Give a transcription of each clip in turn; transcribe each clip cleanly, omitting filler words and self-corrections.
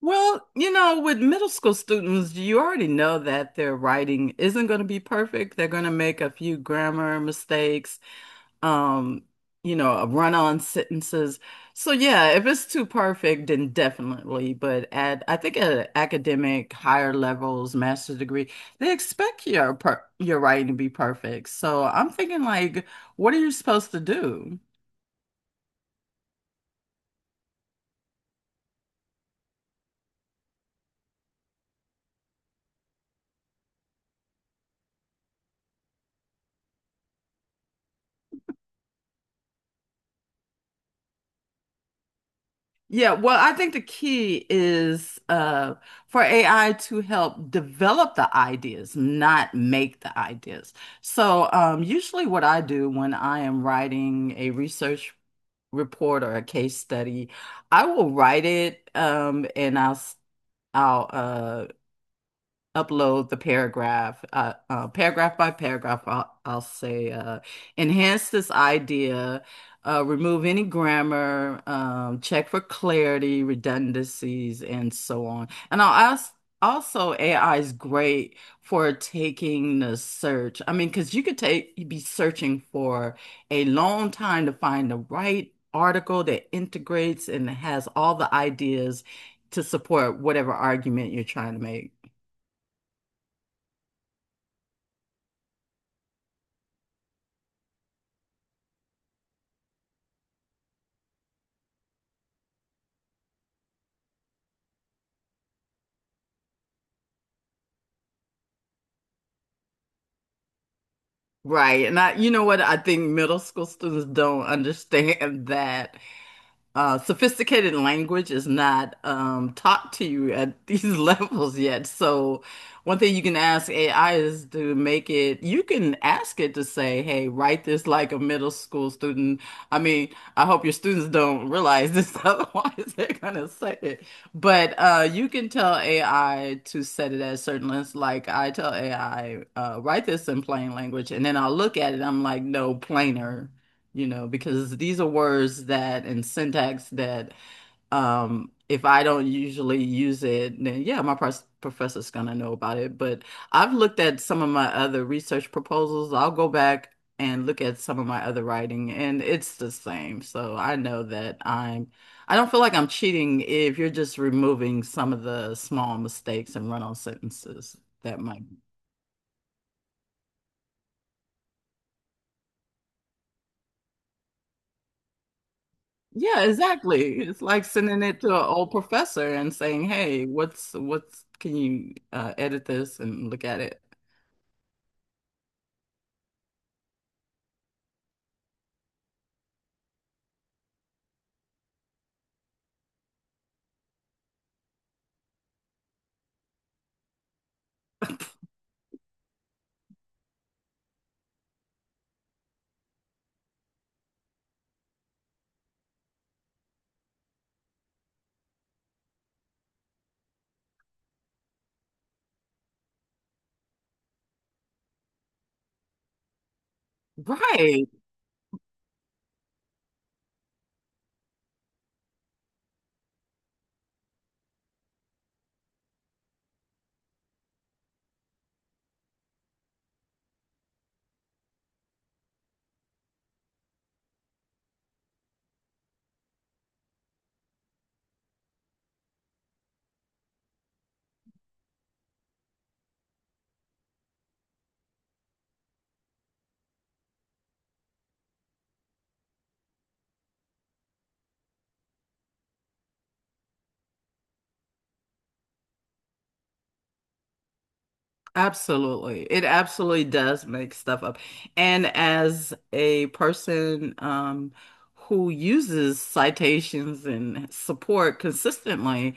Well, you know, with middle school students, you already know that their writing isn't going to be perfect. They're going to make a few grammar mistakes, um, you know, run-on sentences. So yeah, if it's too perfect, then definitely. But at I think at academic higher levels, master's degree, they expect your writing to be perfect. So I'm thinking like, what are you supposed to do? Yeah, well, I think the key is for AI to help develop the ideas, not make the ideas. So, usually, what I do when I am writing a research report or a case study, I will write it, I'll upload the paragraph, paragraph by paragraph. I'll say, enhance this idea, remove any grammar, check for clarity, redundancies, and so on. And I'll ask. Also, AI is great for taking the search. I mean, because you'd be searching for a long time to find the right article that integrates and has all the ideas to support whatever argument you're trying to make. Right. And you know what? I think middle school students don't understand that sophisticated language is not taught to you at these levels yet. So, one thing you can ask AI is to make it, you can ask it to say, hey, write this like a middle school student. I mean, I hope your students don't realize this, otherwise, they're going to say it. But you can tell AI to set it at certain lengths. Like, I tell AI, write this in plain language, and then I'll look at it, I'm like, no, plainer, you know, because these are words that and syntax that if I don't usually use it, then yeah, professor's gonna know about it. But I've looked at some of my other research proposals. I'll go back and look at some of my other writing, and it's the same. So I know that I don't feel like I'm cheating if you're just removing some of the small mistakes and run-on sentences that might. Yeah, exactly. It's like sending it to an old professor and saying, "Hey, what's can you edit this and look at it?" Right. Absolutely. It absolutely does make stuff up. And as a person who uses citations and support consistently,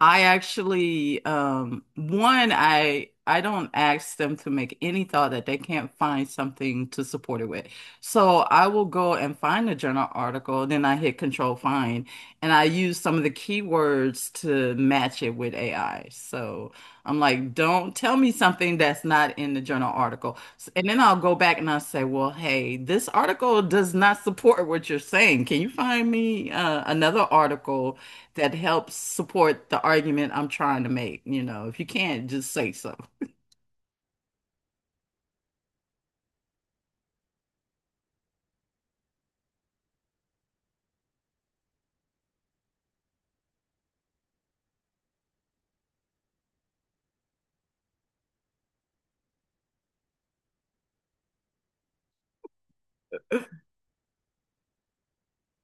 I actually one, I don't ask them to make any thought that they can't find something to support it with. So I will go and find a journal article, then I hit control find, and I use some of the keywords to match it with AI. So I'm like, don't tell me something that's not in the journal article. And then I'll go back and I'll say, well, hey, this article does not support what you're saying. Can you find me another article that helps support the argument I'm trying to make? You know, if you can't, just say so.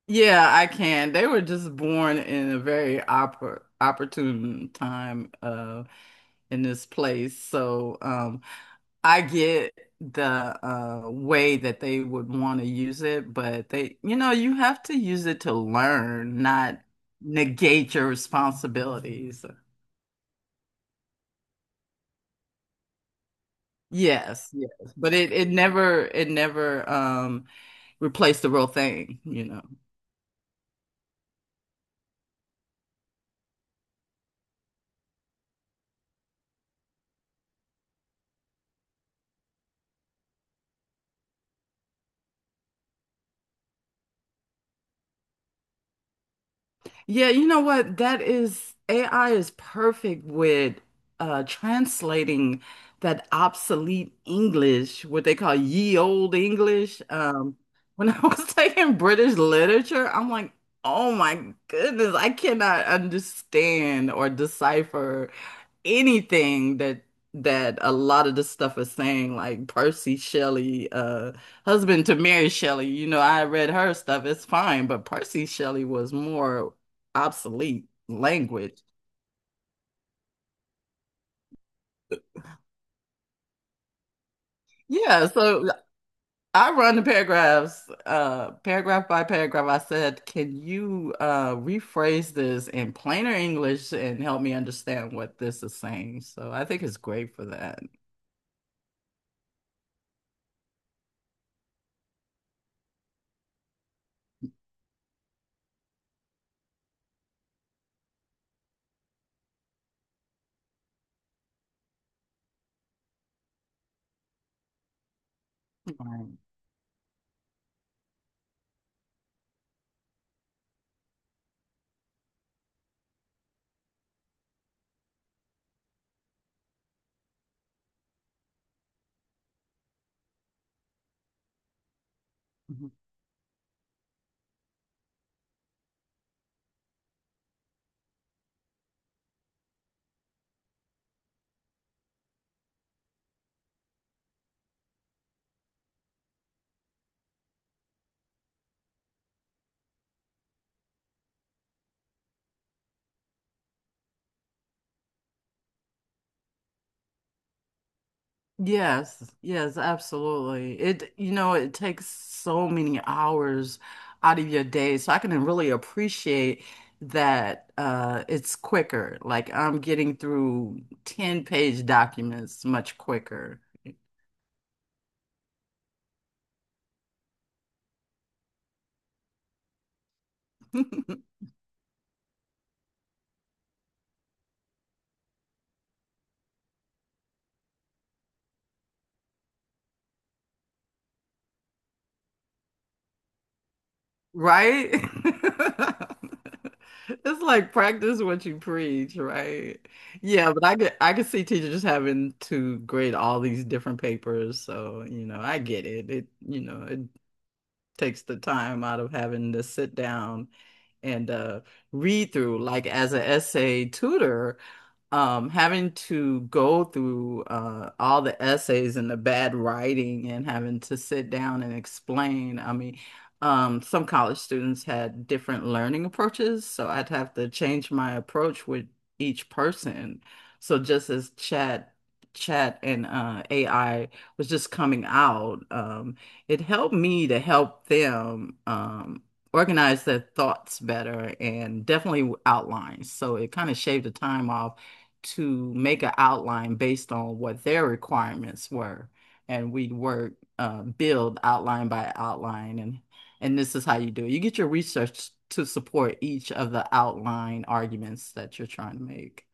Yeah, I can. They were just born in a very opportune time in this place. So, I get the way that they would want to use it, but they, you know, you have to use it to learn, not negate your responsibilities. Yes, yes, but it never replaced the real thing, you know. Yeah, you know what? That is AI is perfect with translating that obsolete English, what they call ye old English. When I was taking British literature, I'm like, oh my goodness, I cannot understand or decipher anything that a lot of the stuff is saying, like Percy Shelley, husband to Mary Shelley. You know, I read her stuff. It's fine, but Percy Shelley was more obsolete language. Yeah, so I run the paragraphs, paragraph by paragraph. I said, "Can you rephrase this in plainer English and help me understand what this is saying?" So I think it's great for that. Right. Yes, yes, absolutely. It, you know, it takes so many hours out of your day. So I can really appreciate that it's quicker. Like I'm getting through 10-page documents much quicker. Right? It's like practice what you preach, right? Yeah, but I could see teachers just having to grade all these different papers. So, you know, I get it. It, you know, it takes the time out of having to sit down and read through. Like as an essay tutor, having to go through all the essays and the bad writing and having to sit down and explain. I mean, some college students had different learning approaches, so I'd have to change my approach with each person. So just as chat and AI was just coming out, it helped me to help them organize their thoughts better and definitely outlines. So it kind of shaved the time off to make an outline based on what their requirements were. And we'd work, build outline by outline. And this is how you do it. You get your research to support each of the outline arguments that you're trying to make.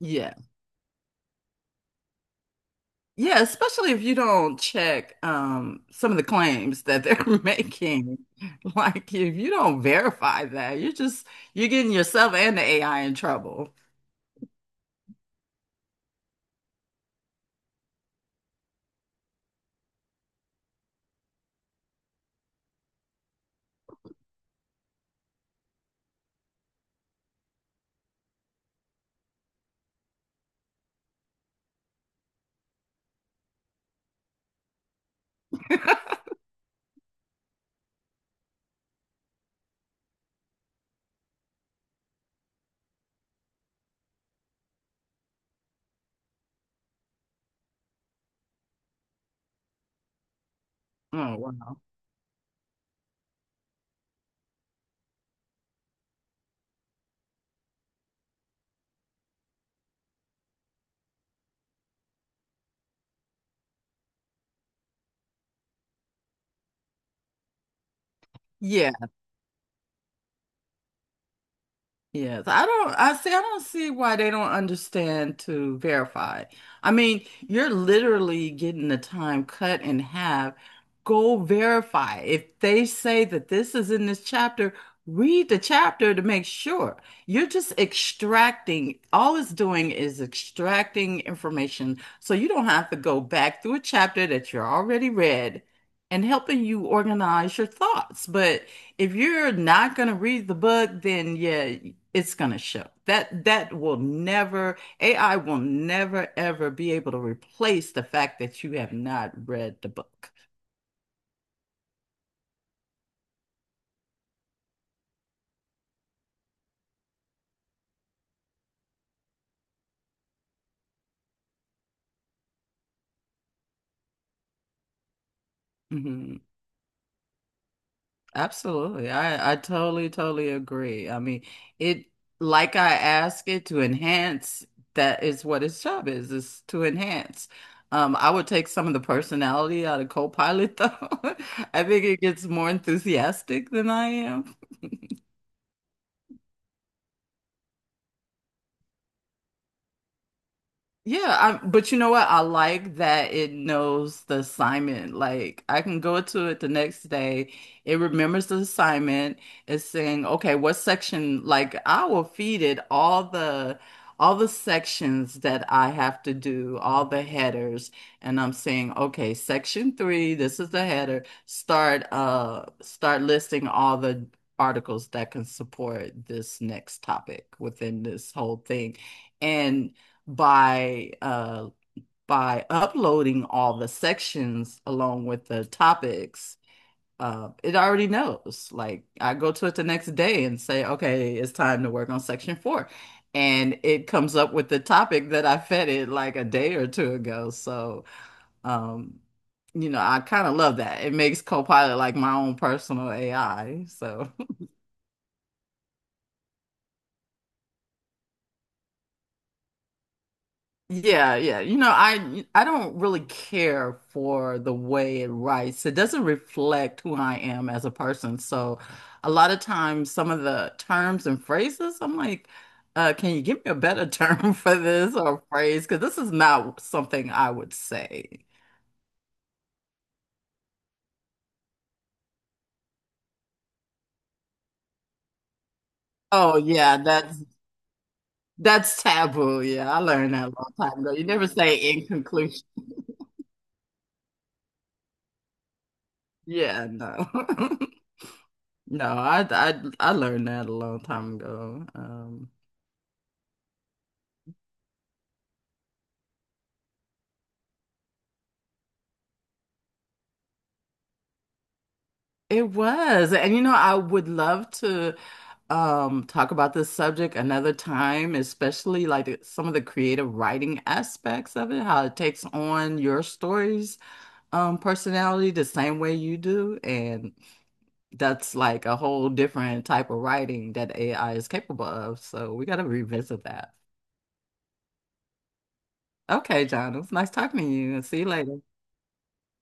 Yeah. Yeah, especially if you don't check some of the claims that they're making. Like if you don't verify that, you're getting yourself and the AI in trouble. Oh, wow. Yeah. Yes, I don't see why they don't understand to verify. I mean, you're literally getting the time cut in half. Go verify. If they say that this is in this chapter, read the chapter to make sure. All it's doing is extracting information. So you don't have to go back through a chapter that you already read and helping you organize your thoughts. But if you're not going to read the book, then yeah. It's going to show. That will never, AI will never ever be able to replace the fact that you have not read the book. Hmm. Absolutely. I totally totally agree. I mean, it, like I ask it to enhance, that is what its job is to enhance. I would take some of the personality out of Copilot though. I think it gets more enthusiastic than I am. Yeah, I, but you know what? I like that it knows the assignment. Like I can go to it the next day. It remembers the assignment. It's saying, okay, what section? Like I will feed it all the sections that I have to do, all the headers, and I'm saying, okay, section three, this is the header. Start start listing all the articles that can support this next topic within this whole thing by uh by uploading all the sections along with the topics, it already knows. Like I go to it the next day and say, okay, it's time to work on section four. And it comes up with the topic that I fed it like a day or two ago. So, um, you know, I kind of love that. It makes Copilot like my own personal AI. So. Yeah, yeah. You know, I don't really care for the way it writes. It doesn't reflect who I am as a person. So a lot of times some of the terms and phrases, I'm like, can you give me a better term for this or phrase? Because this is not something I would say. Oh yeah, that's taboo. Yeah, I learned that a long time ago. You never say in conclusion. Yeah, no. No, I learned that a long time ago. Um, it was. And you know, I would love to talk about this subject another time, especially like some of the creative writing aspects of it, how it takes on your story's personality the same way you do. And that's like a whole different type of writing that AI is capable of. So we got to revisit that. Okay, John, it was nice talking to you and see you later.